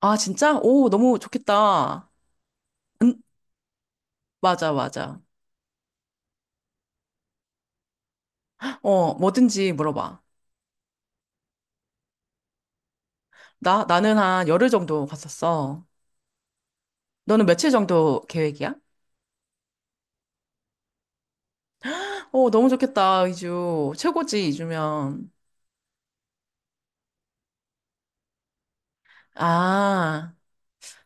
아, 진짜? 오, 너무 좋겠다. 응, 맞아, 맞아. 어, 뭐든지 물어봐. 나는 한 열흘 정도 갔었어. 너는 며칠 정도 계획이야? 오 너무 좋겠다, 2주. 최고지, 2주면. 아,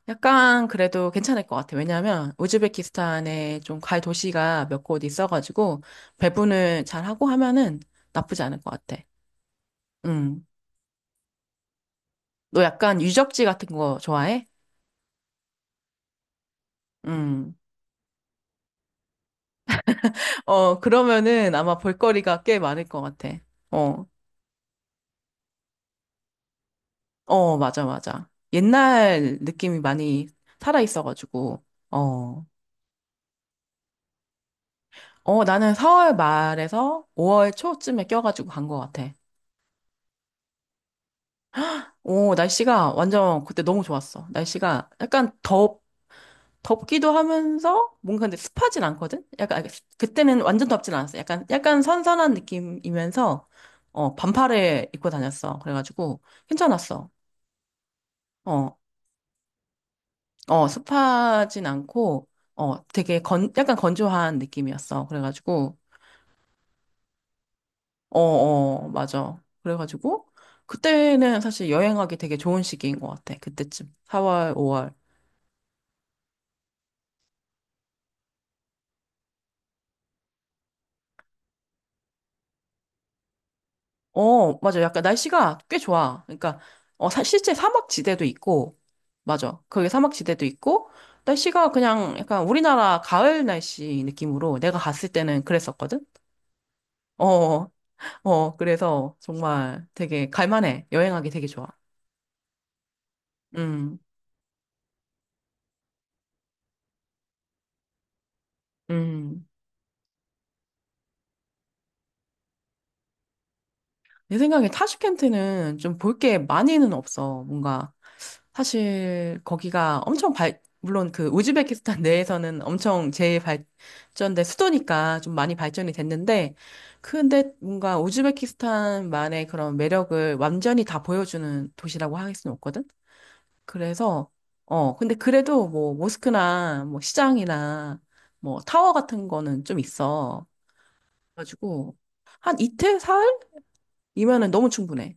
약간 그래도 괜찮을 것 같아. 왜냐면, 우즈베키스탄에 좀 갈 도시가 몇 곳 있어가지고, 배분을 잘 하고 하면은 나쁘지 않을 것 같아. 응. 너 약간 유적지 같은 거 좋아해? 음. 어, 그러면은 아마 볼거리가 꽤 많을 것 같아. 어, 어, 맞아, 맞아. 옛날 느낌이 많이 살아있어가지고, 어, 어, 나는 4월 말에서 5월 초쯤에 껴가지고 간 것 같아. 오, 날씨가 완전 그때 너무 좋았어. 날씨가 약간 덥기도 하면서 뭔가 근데 습하진 않거든? 약간, 아니, 그때는 완전 덥진 않았어. 약간 선선한 느낌이면서, 어, 반팔을 입고 다녔어. 그래가지고, 괜찮았어. 어, 어, 습하진 않고, 어, 되게 약간 건조한 느낌이었어. 그래가지고, 어, 어, 맞아. 그래가지고, 그때는 사실 여행하기 되게 좋은 시기인 것 같아. 그때쯤. 4월, 5월. 어, 맞아. 약간 날씨가 꽤 좋아. 그러니까, 어, 실제 사막지대도 있고, 맞아. 거기 사막지대도 있고, 날씨가 그냥 약간 우리나라 가을 날씨 느낌으로 내가 갔을 때는 그랬었거든? 어, 어, 그래서 정말 되게 갈만해. 여행하기 되게 좋아. 음. 음, 내 생각에 타슈켄트는 좀 볼 게 많이는 없어. 뭔가 사실 거기가 엄청 발 물론 그 우즈베키스탄 내에서는 엄청 제일 발전된 수도니까 좀 많이 발전이 됐는데 근데 뭔가 우즈베키스탄만의 그런 매력을 완전히 다 보여주는 도시라고 할 수는 없거든. 그래서 어 근데 그래도 뭐 모스크나 뭐 시장이나 뭐 타워 같은 거는 좀 있어. 가지고 한 이틀 사흘 이면은 너무 충분해.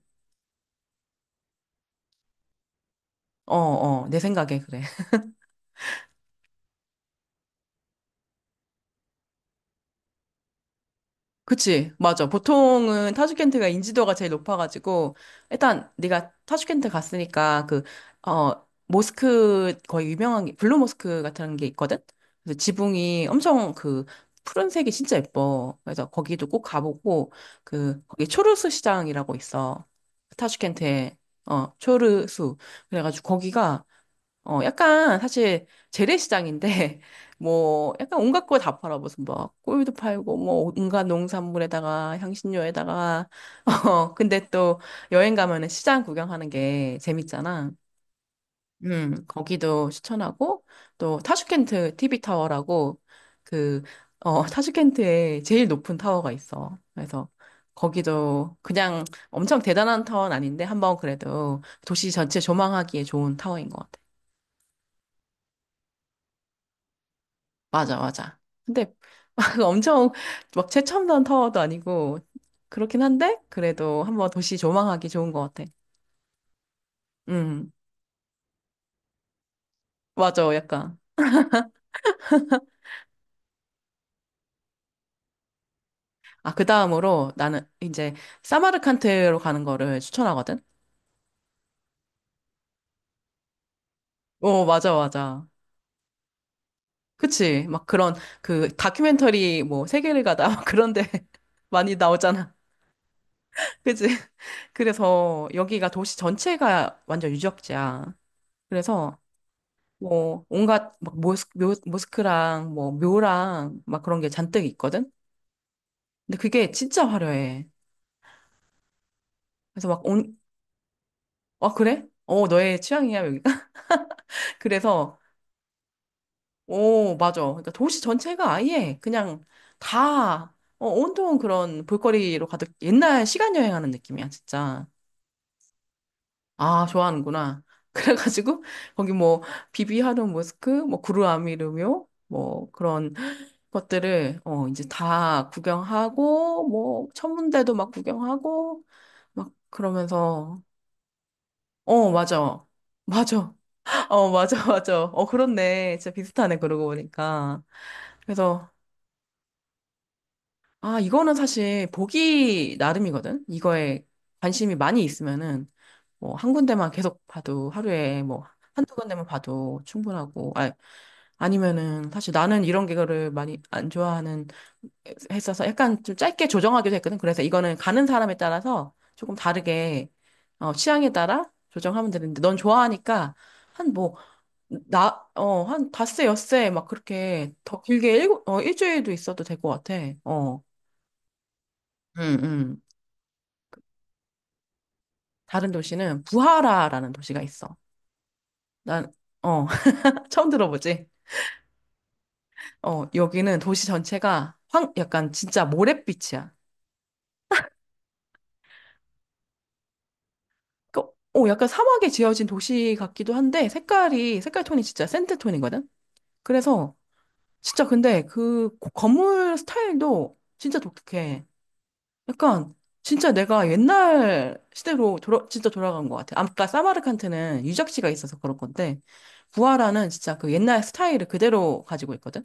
어, 어, 내 생각에 그래. 그치, 맞아. 보통은 타슈켄트가 인지도가 제일 높아가지고, 일단 네가 타슈켄트 갔으니까 그, 어, 모스크 거의 유명한 게, 블루 모스크 같은 게 있거든? 그래서 지붕이 엄청 그, 푸른색이 진짜 예뻐. 그래서 거기도 꼭 가보고, 그, 거기 초르수 시장이라고 있어. 타슈켄트에, 어, 초르수. 그래가지고 거기가 어, 약간 사실 재래시장인데 뭐 약간 온갖 걸 다 팔아 무슨 막 꿀도 팔고 뭐 온갖 농산물에다가 향신료에다가 어 근데 또 여행 가면은 시장 구경하는 게 재밌잖아. 거기도 추천하고 또 타슈켄트 TV 타워라고 그어 타슈켄트에 제일 높은 타워가 있어. 그래서 거기도 그냥 엄청 대단한 타워는 아닌데 한번 그래도 도시 전체 조망하기에 좋은 타워인 것 같아. 맞아, 맞아. 근데 엄청 막 최첨단 타워도 아니고 그렇긴 한데 그래도 한번 도시 조망하기 좋은 것 같아. 음, 맞아, 약간. 아, 그 다음으로 나는 이제 사마르칸트로 가는 거를 추천하거든. 오 맞아, 맞아. 그치? 막 그런 그 다큐멘터리 뭐 세계를 가다 막 그런데 많이 나오잖아. 그치? 그래서 여기가 도시 전체가 완전 유적지야. 그래서 뭐 온갖 막 모스크랑 뭐 묘랑 막 그런 게 잔뜩 있거든. 근데 그게 진짜 화려해. 그래서 막 아 그래? 어 너의 취향이야 여기가? 그래서 오 맞아. 그러니까 도시 전체가 아예 그냥 다 어, 온통 그런 볼거리로 가득 옛날 시간 여행하는 느낌이야 진짜. 아, 좋아하는구나. 그래가지고, 거기 뭐, 비비하르 모스크, 뭐, 구루아미르묘, 뭐, 그런 것들을, 어, 이제 다 구경하고, 뭐, 천문대도 막 구경하고, 막, 그러면서, 어, 맞아. 맞아. 어, 맞아, 맞아. 어, 그렇네. 진짜 비슷하네, 그러고 보니까. 그래서, 아, 이거는 사실 보기 나름이거든? 이거에 관심이 많이 있으면은. 뭐 한 군데만 계속 봐도 하루에 뭐 한두 군데만 봐도 충분하고 아 아니면은 사실 나는 이런 거를 많이 안 좋아하는 했어서 약간 좀 짧게 조정하기도 했거든. 그래서 이거는 가는 사람에 따라서 조금 다르게 어 취향에 따라 조정하면 되는데 넌 좋아하니까 한 뭐 나 어 한 닷새 엿새 막 그렇게 더 길게 일, 어 일주일도 있어도 될 것 같아. 어. 음, 음. 다른 도시는 부하라라는 도시가 있어. 난 어 처음 들어보지? 어, 여기는 도시 전체가 약간 진짜 모래빛이야. 그, 어, 약간 사막에 지어진 도시 같기도 한데 색깔 톤이 진짜 샌드 톤이거든? 그래서 진짜 근데 그 건물 스타일도 진짜 독특해. 약간 진짜 내가 옛날 시대로 진짜 돌아간 것 같아. 아까 사마르칸트는 유적지가 있어서 그럴 건데 부하라는 진짜 그 옛날 스타일을 그대로 가지고 있거든?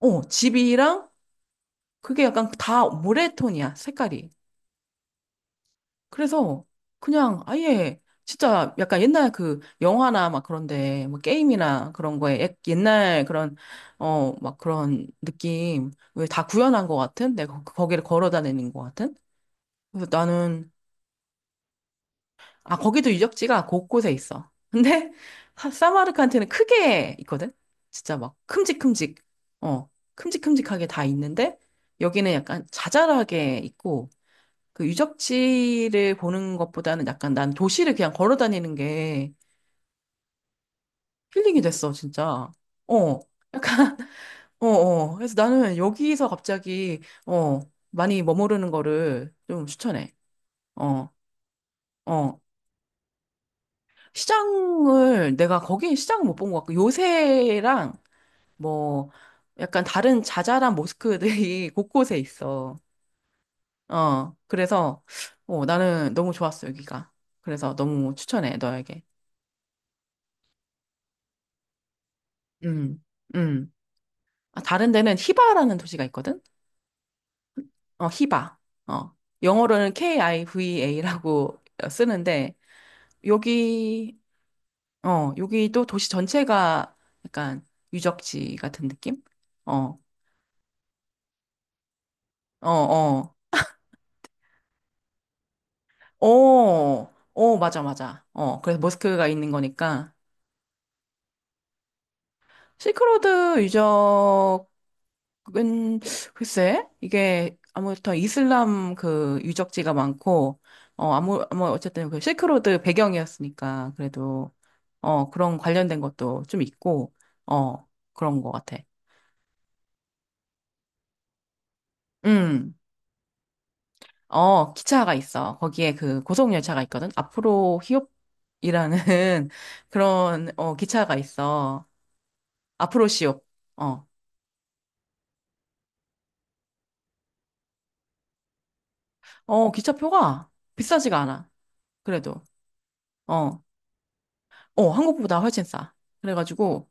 어, 집이랑 그게 약간 다 모래톤이야, 색깔이. 그래서 그냥 아예 진짜 약간 옛날 그 영화나 막 그런데 뭐 게임이나 그런 거에 옛날 그런 어 막 그런 느낌 왜 다 구현한 것 같은 내가 거기를 걸어 다니는 것 같은 그래서 나는 아 거기도 유적지가 곳곳에 있어 근데 사마르칸트는 크게 있거든 진짜 막 어 큼직큼직하게 다 있는데 여기는 약간 자잘하게 있고 그 유적지를 보는 것보다는 약간 난 도시를 그냥 걸어 다니는 게 힐링이 됐어, 진짜. 어, 약간, 어, 어. 그래서 나는 여기서 갑자기, 어, 많이 머무르는 거를 좀 추천해. 어, 어. 내가 거기 시장을 못 본 것 같고, 요새랑 뭐, 약간 다른 자잘한 모스크들이 곳곳에 있어. 어, 그래서, 어, 나는 너무 좋았어, 여기가. 그래서 너무 추천해, 너에게. 음, 음. 아, 다른 데는 히바라는 도시가 있거든? 어, 히바. 어. 영어로는 KIVA라고 쓰는데, 여기, 여기도 도시 전체가 약간 유적지 같은 느낌? 어, 어, 어. 어, 어, 맞아, 맞아. 어, 그래서 모스크가 있는 거니까. 실크로드 유적, 은, 글쎄, 이게 아무튼 이슬람 그 유적지가 많고, 어, 뭐, 어쨌든 그 실크로드 배경이었으니까, 그래도, 어, 그런 관련된 것도 좀 있고, 어, 그런 것 같아. 음, 어, 기차가 있어. 거기에 그 고속열차가 있거든. 앞으로 히읗이라는 그런, 어, 기차가 있어. 앞으로 시옵. 어, 어, 기차표가 비싸지가 않아. 그래도, 어, 어, 한국보다 훨씬 싸. 그래가지고,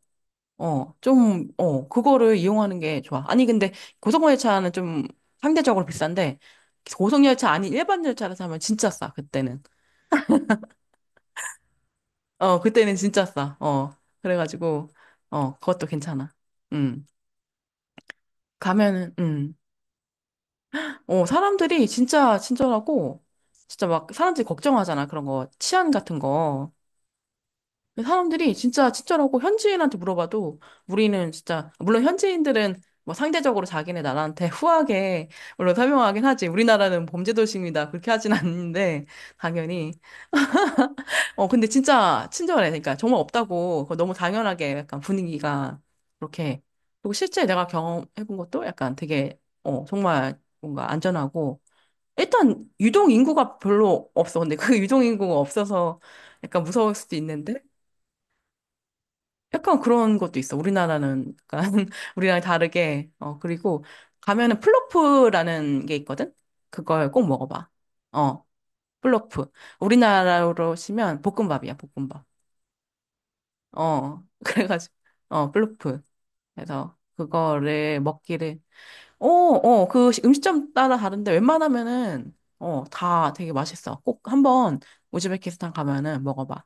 어, 좀, 어, 그거를 이용하는 게 좋아. 아니, 근데 고속열차는 좀 상대적으로 비싼데, 고속열차 아닌 일반 열차를 타면 진짜 싸, 그때는. 어, 그때는 진짜 싸. 어, 그래가지고, 어, 그것도 괜찮아. 음, 가면은, 어, 사람들이 진짜 친절하고, 진짜 막 사람들이 걱정하잖아. 그런 거, 치안 같은 거. 사람들이 진짜 친절하고 현지인한테 물어봐도 우리는 진짜 물론 현지인들은 뭐 상대적으로 자기네 나라한테 후하게 물론 설명하긴 하지 우리나라는 범죄 도시입니다 그렇게 하진 않는데 당연히 어 근데 진짜 친절해 그러니까 정말 없다고 그거 너무 당연하게 약간 분위기가 그렇게 그리고 실제 내가 경험해본 것도 약간 되게 어 정말 뭔가 안전하고 일단 유동 인구가 별로 없어 근데 그 유동 인구가 없어서 약간 무서울 수도 있는데 약간 그런 것도 있어. 우리나라는 약간 우리랑 다르게. 어, 그리고 가면은 플로프라는 게 있거든? 그걸 꼭 먹어봐. 어, 플로프. 우리나라로 치면 볶음밥이야, 볶음밥. 어, 그래가지고, 어, 플로프. 그래서 그거를 먹기를. 어, 어, 그 음식점 따라 다른데 웬만하면은, 어, 다 되게 맛있어. 꼭 한번 우즈베키스탄 가면은 먹어봐.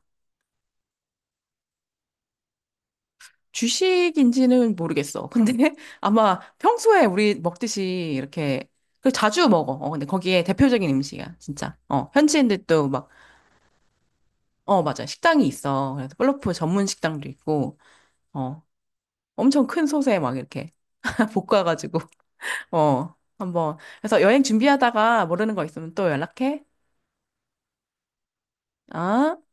주식인지는 모르겠어. 근데 아마 평소에 우리 먹듯이 이렇게 그 자주 먹어. 어, 근데 거기에 대표적인 음식이야, 진짜. 어, 현지인들도 막, 어, 맞아. 식당이 있어. 그래서 플러프 전문 식당도 있고, 어, 엄청 큰 솥에 막 이렇게 볶아가지고, 어, 한번. 그래서 여행 준비하다가 모르는 거 있으면 또 연락해. 어?